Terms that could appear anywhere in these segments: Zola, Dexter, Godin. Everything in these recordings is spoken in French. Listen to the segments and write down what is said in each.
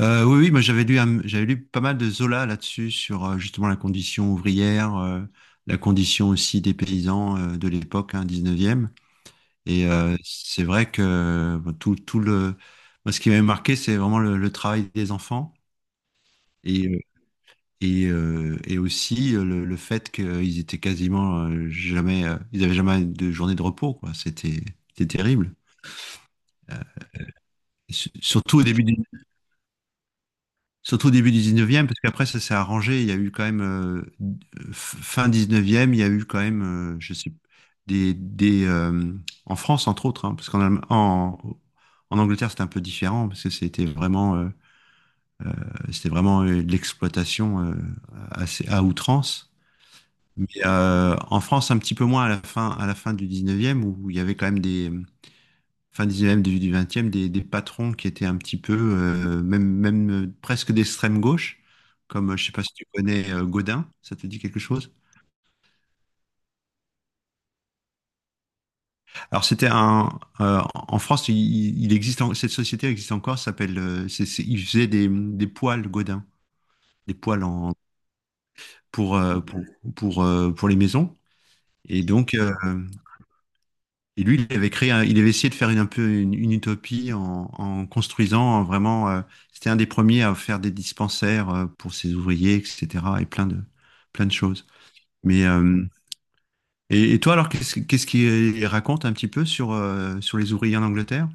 Oui, oui, moi j'avais lu, j'avais lu pas mal de Zola là-dessus, sur justement la condition ouvrière, la condition aussi des paysans de l'époque, hein, 19e. Et c'est vrai que tout le... Moi, ce qui m'avait marqué, c'est vraiment le travail des enfants et, euh, et aussi le fait qu'ils étaient quasiment jamais... ils n'avaient jamais de journée de repos, quoi. C'était c'était terrible. S- Surtout au début du Surtout au début du 19e, parce qu'après ça s'est arrangé. Il y a eu quand même, fin 19e, il y a eu quand même, je sais, des, des, euh, en France entre autres, hein, parce qu'en Allem- en, en Angleterre c'était un peu différent, parce que c'était vraiment, c'était vraiment de l'exploitation assez, à outrance. Mais en France un petit peu moins à la fin du 19e, où il y avait quand même des, fin 19e, début du 20e, des patrons qui étaient un petit peu, même, presque d'extrême gauche, comme je sais pas si tu connais Godin, ça te dit quelque chose? Alors c'était un, en France, il existe, cette société existe encore, ça s'appelle, il faisait des poêles Godin, des poêles en, pour, euh, pour, pour les maisons. Et donc, et lui, il avait créé, il avait essayé de faire une, un peu une utopie en, en construisant vraiment, c'était un des premiers à faire des dispensaires pour ses ouvriers, etc. Et plein de choses. Mais euh, et toi, alors, qu'est-ce qu'il raconte un petit peu sur sur les ouvriers en Angleterre?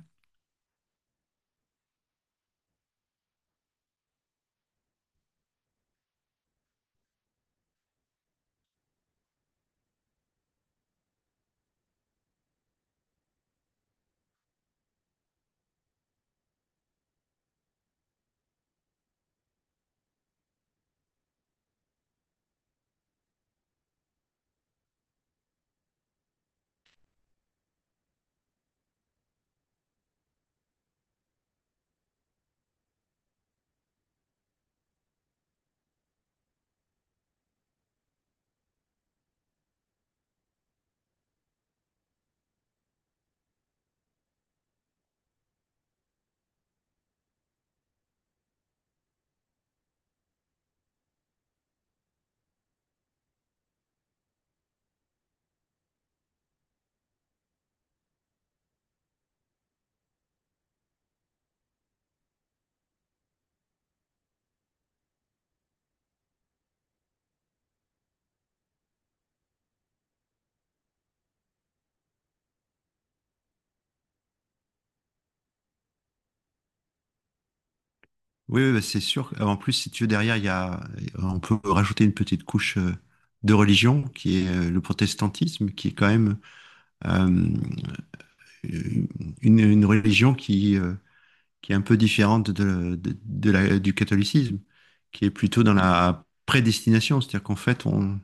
Oui, oui, bah, c'est sûr. En plus, si tu veux, derrière, il y a, on peut rajouter une petite couche de religion qui est le protestantisme, qui est quand même euh, une religion qui, qui est un peu différente de la, du catholicisme, qui est plutôt dans la prédestination. C'est-à-dire qu'en fait, on,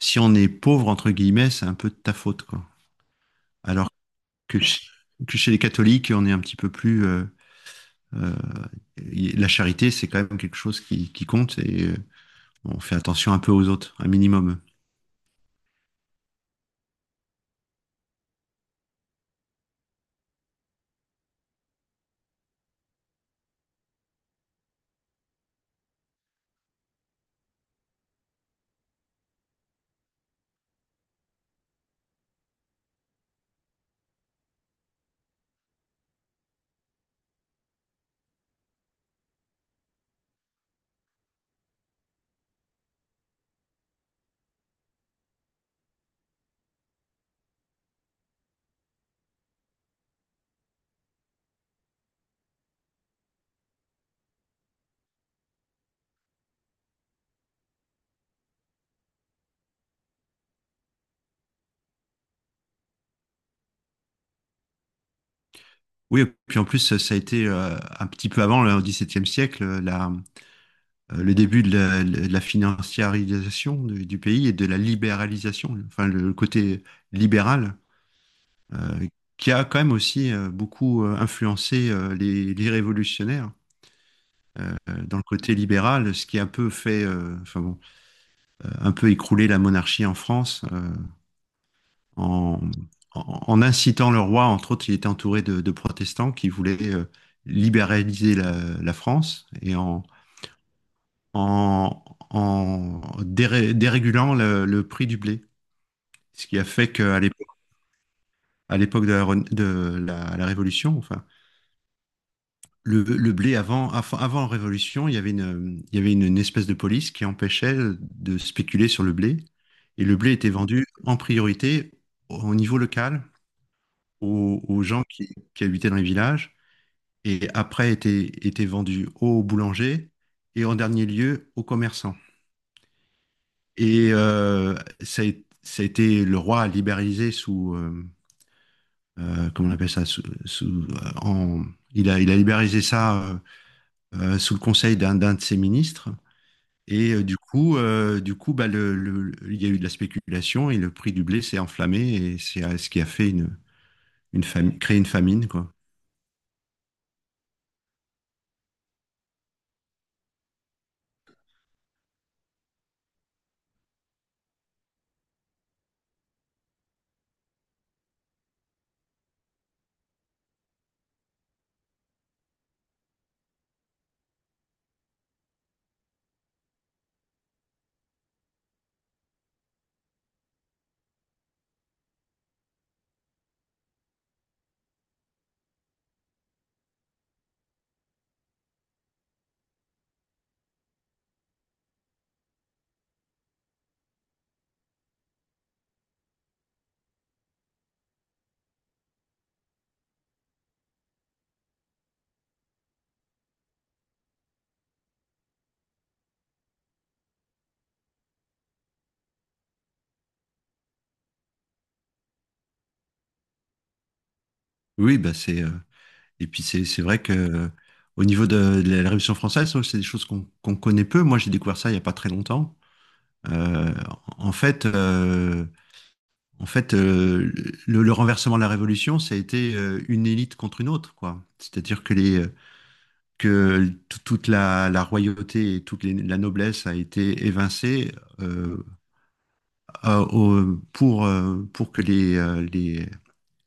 si on est pauvre, entre guillemets, c'est un peu de ta faute, quoi. Alors que, que chez les catholiques, on est un petit peu plus... euh, la charité, c'est quand même quelque chose qui compte et... on fait attention un peu aux autres, un minimum. Oui, et puis en plus, ça a été un petit peu avant, le XVIIe siècle, la, le début de la financiarisation du pays et de la libéralisation, enfin le côté libéral, euh, qui a quand même aussi beaucoup influencé les révolutionnaires dans le côté libéral, ce qui a un peu fait, enfin bon, un peu écrouler la monarchie en France. En, En incitant le roi, entre autres, il était entouré de protestants qui voulaient libéraliser la, la France et en, en, en déré- dérégulant le prix du blé. Ce qui a fait qu'à l'époque, à l'époque de la, la Révolution, enfin, le blé avant la Révolution, il y avait une espèce de police qui empêchait de spéculer sur le blé. Et le blé était vendu en priorité au niveau local, aux, aux gens qui habitaient dans les villages. Et après était, était vendu au boulanger et en dernier lieu aux commerçants. Et ça, a, ça a été le roi a libéralisé sous comment on appelle ça il a libéralisé ça sous le conseil d'un de ses ministres. Du coup, bah, il y a eu de la spéculation et le prix du blé s'est enflammé et c'est ce qui a fait une, créé une famine, quoi. Oui, bah c'est et puis c'est vrai que au niveau de la Révolution française, c'est des choses qu'on connaît peu. Moi, j'ai découvert ça il y a pas très longtemps. Euh, en fait, euh, en fait, euh, le renversement de la Révolution, ça a été une élite contre une autre, quoi. C'est-à-dire que les toute la, la royauté et la noblesse a été évincée euh, pour que les,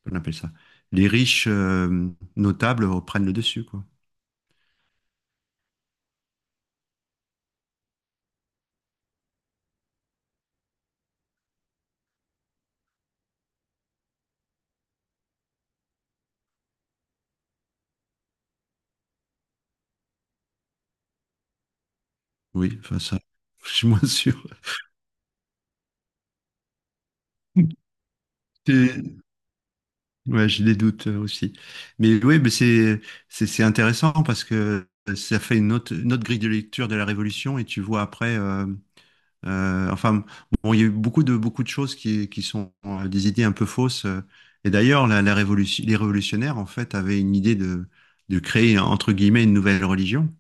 qu'on appelle ça, les riches notables reprennent le dessus, quoi. Oui, enfin ça, je suis moins sûr. C'est- Ouais, j'ai des doutes aussi. Mais oui, mais c'est c'est intéressant parce que ça fait une autre grille de lecture de la Révolution et tu vois après, enfin, bon, il y a eu beaucoup de choses qui sont des idées un peu fausses. Et d'ailleurs, la révolution, les révolutionnaires en fait avaient une idée de créer entre guillemets une nouvelle religion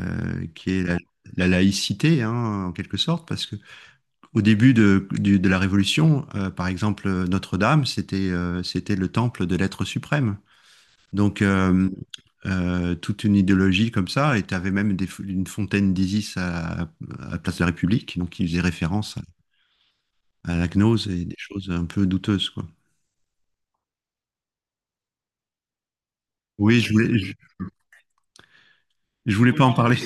qui est la, la laïcité, hein, en quelque sorte, parce que Au début de la Révolution, par exemple, Notre-Dame, c'était c'était le temple de l'être suprême. Donc, toute une idéologie comme ça, et tu avais même une fontaine d'Isis à Place de la République, donc qui faisait référence à la gnose et des choses un peu douteuses, quoi. Oui, je voulais pas en parler,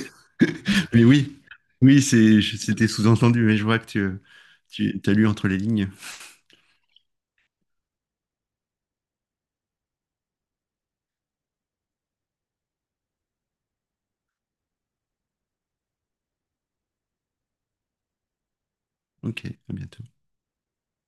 mais oui, oui, c'est, c'était sous-entendu, mais je vois que tu as lu entre les lignes. Ok, à bientôt.